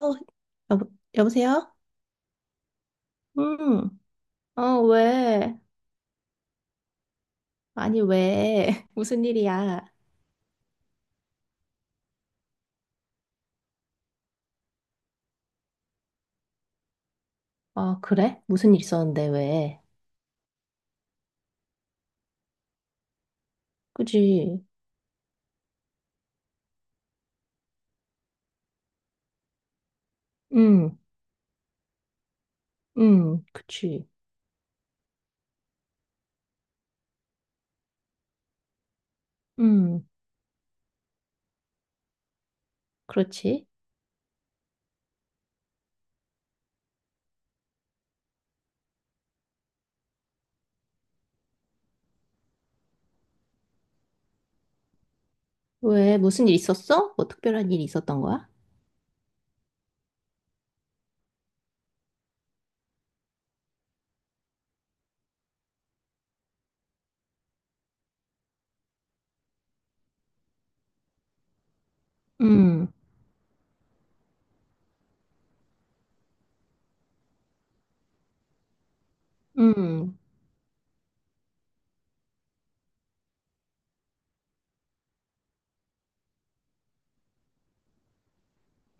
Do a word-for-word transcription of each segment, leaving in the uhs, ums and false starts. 어, 여보, 여보세요? 음, 어, 왜? 아니, 왜? 무슨 일이야? 아, 그래? 무슨 일 있었는데, 왜? 그지? 음, 음, 그치. 음, 그렇지. 왜? 무슨 일 있었어? 뭐 특별한 일이 있었던 거야? 음, 음,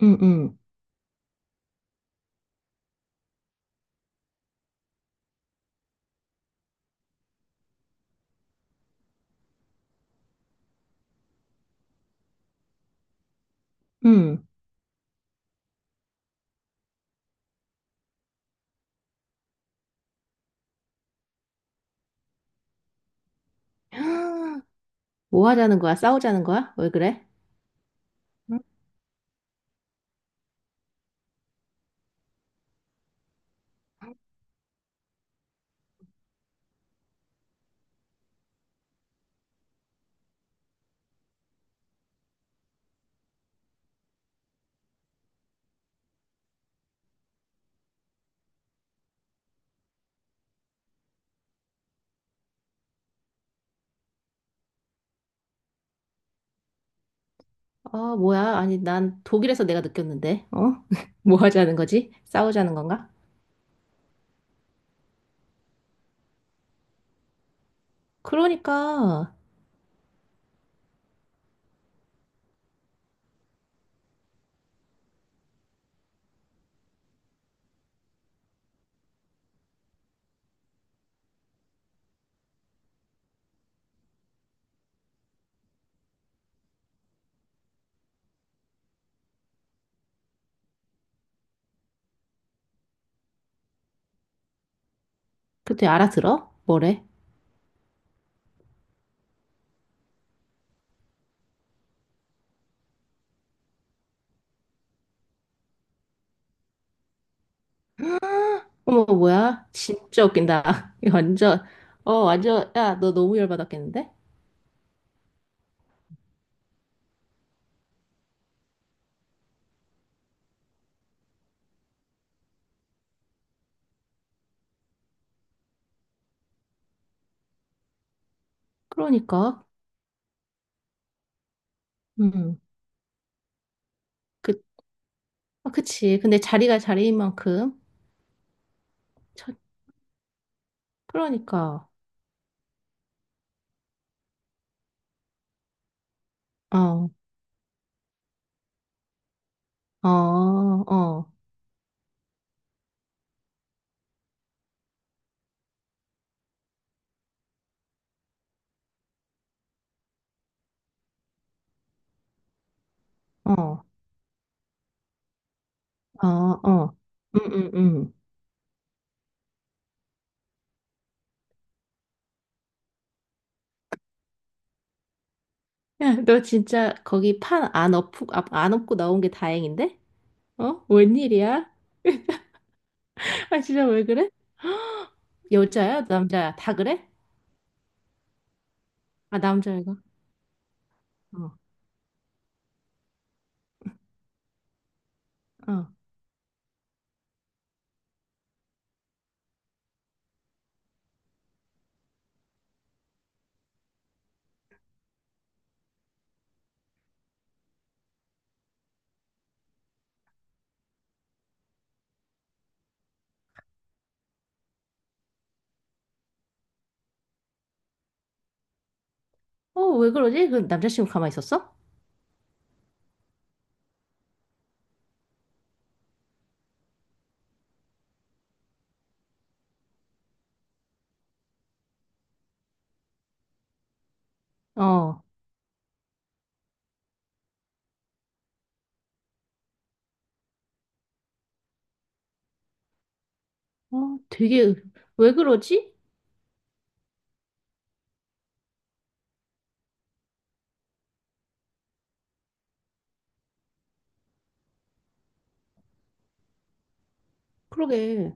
음, 음, 음. 뭐 하자는 거야? 싸우자는 거야? 왜 그래? 응? 아, 뭐야? 아니, 난 독일에서 내가 느꼈는데, 어? 뭐 하자는 거지? 싸우자는 건가? 그러니까. 그때 알아들어? 뭐래? 어머, 뭐야? 진짜 웃긴다. 이거 완전, 어, 완전, 야, 너 너무 열받았겠는데? 그러니까. 음, 그, 아, 그치. 근데 자리가 자리인 만큼. 참, 그러니까. 어, 어, 어, 어, 어, 어. 음, 음, 음. 야, 너 진짜 거기 판 안 엎고, 아, 안 엎고 나온 게 다행인데? 어? 웬일이야? 아, 진짜 왜 그래? 여자야? 남자야? 다 그래? 아, 남자애가. 어, 어. 어, 왜 그러지? 그 남자친구 가만히 있었어? 어, 어, 되게, 왜 그러지? 그러게.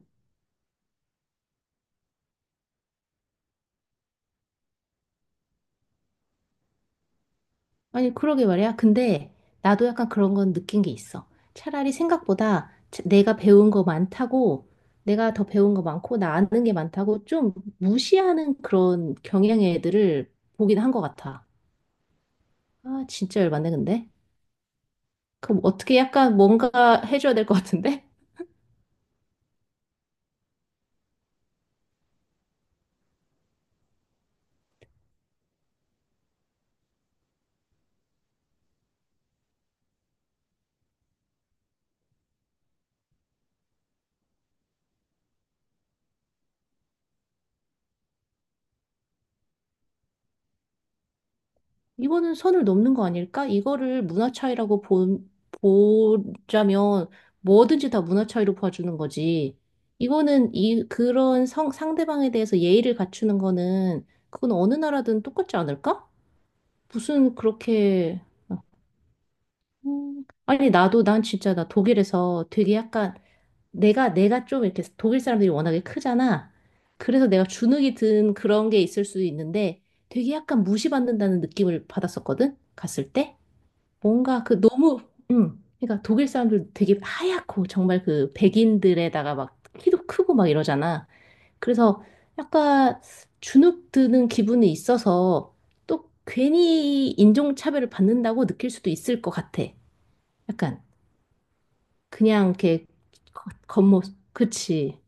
아니, 그러게 말이야. 근데 나도 약간 그런 건 느낀 게 있어. 차라리 생각보다 차- 내가 배운 거 많다고, 내가 더 배운 거 많고, 나 아는 게 많다고 좀 무시하는 그런 경향의 애들을 보긴 한 것 같아. 아, 진짜 열받네, 근데. 그럼 어떻게 약간 뭔가 해줘야 될 것 같은데? 이거는 선을 넘는 거 아닐까? 이거를 문화 차이라고 보, 보자면 뭐든지 다 문화 차이로 봐주는 거지. 이거는 이 그런 성, 상대방에 대해서 예의를 갖추는 거는 그건 어느 나라든 똑같지 않을까? 무슨 그렇게 음, 아니 나도 난 진짜 나 독일에서 되게 약간 내가 내가 좀 이렇게 독일 사람들이 워낙에 크잖아. 그래서 내가 주눅이 든 그런 게 있을 수 있는데 되게 약간 무시받는다는 느낌을 받았었거든. 갔을 때. 뭔가 그 너무, 음, 그러니까 독일 사람들 되게 하얗고 정말 그 백인들에다가 막 키도 크고 막 이러잖아. 그래서 약간 주눅 드는 기분이 있어서 또 괜히 인종차별을 받는다고 느낄 수도 있을 것 같아. 약간 그냥 이렇게 겉- 겉모습, 그치,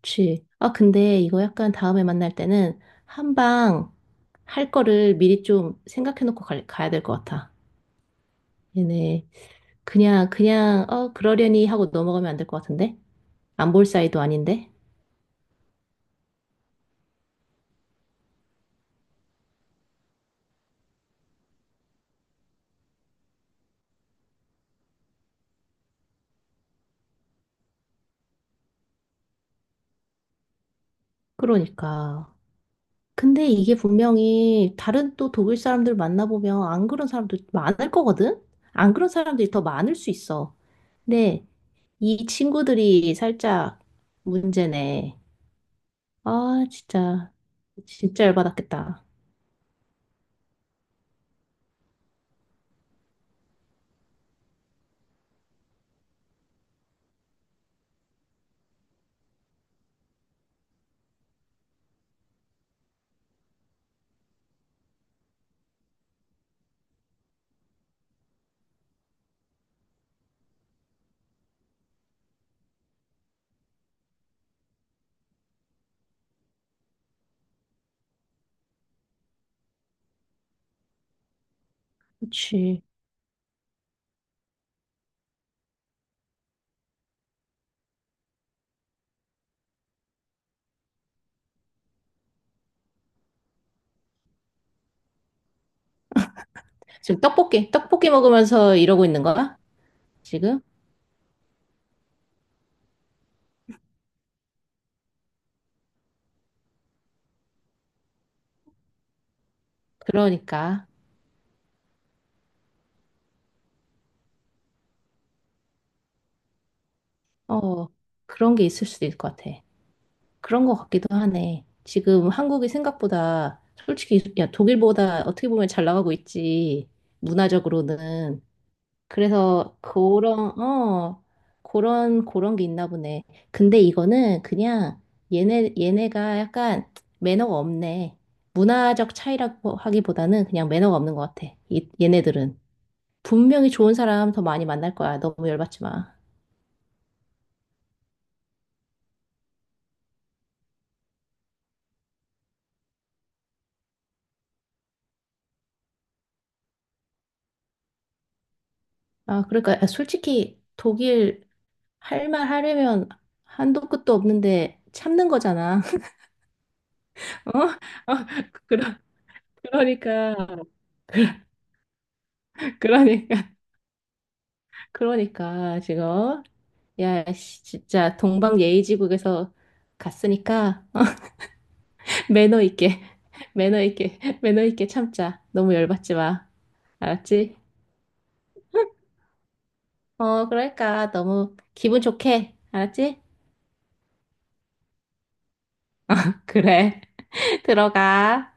그치. 아, 근데 이거 약간 다음에 만날 때는 한방 할 거를 미리 좀 생각해 놓고 가, 가야 될 것 같아. 얘네. 그냥, 그냥, 어, 그러려니 하고 넘어가면 안 될 것 같은데? 안 볼 사이도 아닌데? 그러니까. 근데 이게 분명히 다른 또 독일 사람들 만나보면 안 그런 사람도 많을 거거든? 안 그런 사람들이 더 많을 수 있어. 근데 이 친구들이 살짝 문제네. 아, 진짜, 진짜 열받았겠다. 그치. 지금 떡볶이, 떡볶이 먹으면서 이러고 있는 거야? 지금? 그러니까, 어, 그런 게 있을 수도 있을 것 같아. 그런 것 같기도 하네. 지금 한국이 생각보다 솔직히 야, 독일보다 어떻게 보면 잘 나가고 있지. 문화적으로는. 그래서 그런 어 그런 그런 게 있나 보네. 근데 이거는 그냥 얘네 얘네가 약간 매너가 없네. 문화적 차이라고 하기보다는 그냥 매너가 없는 것 같아. 이, 얘네들은 분명히 좋은 사람 더 많이 만날 거야. 너무 열받지 마. 아, 그러니까 솔직히 독일 할 말 하려면 한도 끝도 없는데 참는 거잖아. 어? 어? 그러, 그러니까, 그러니까, 그러니까 지금 야, 씨, 진짜 동방예의지국에서 갔으니까 매너 있게, 매너 있게, 매너 있게 참자. 너무 열받지 마. 알았지? 어, 그러니까 너무 기분 좋게. 알았지? 그래. 들어가.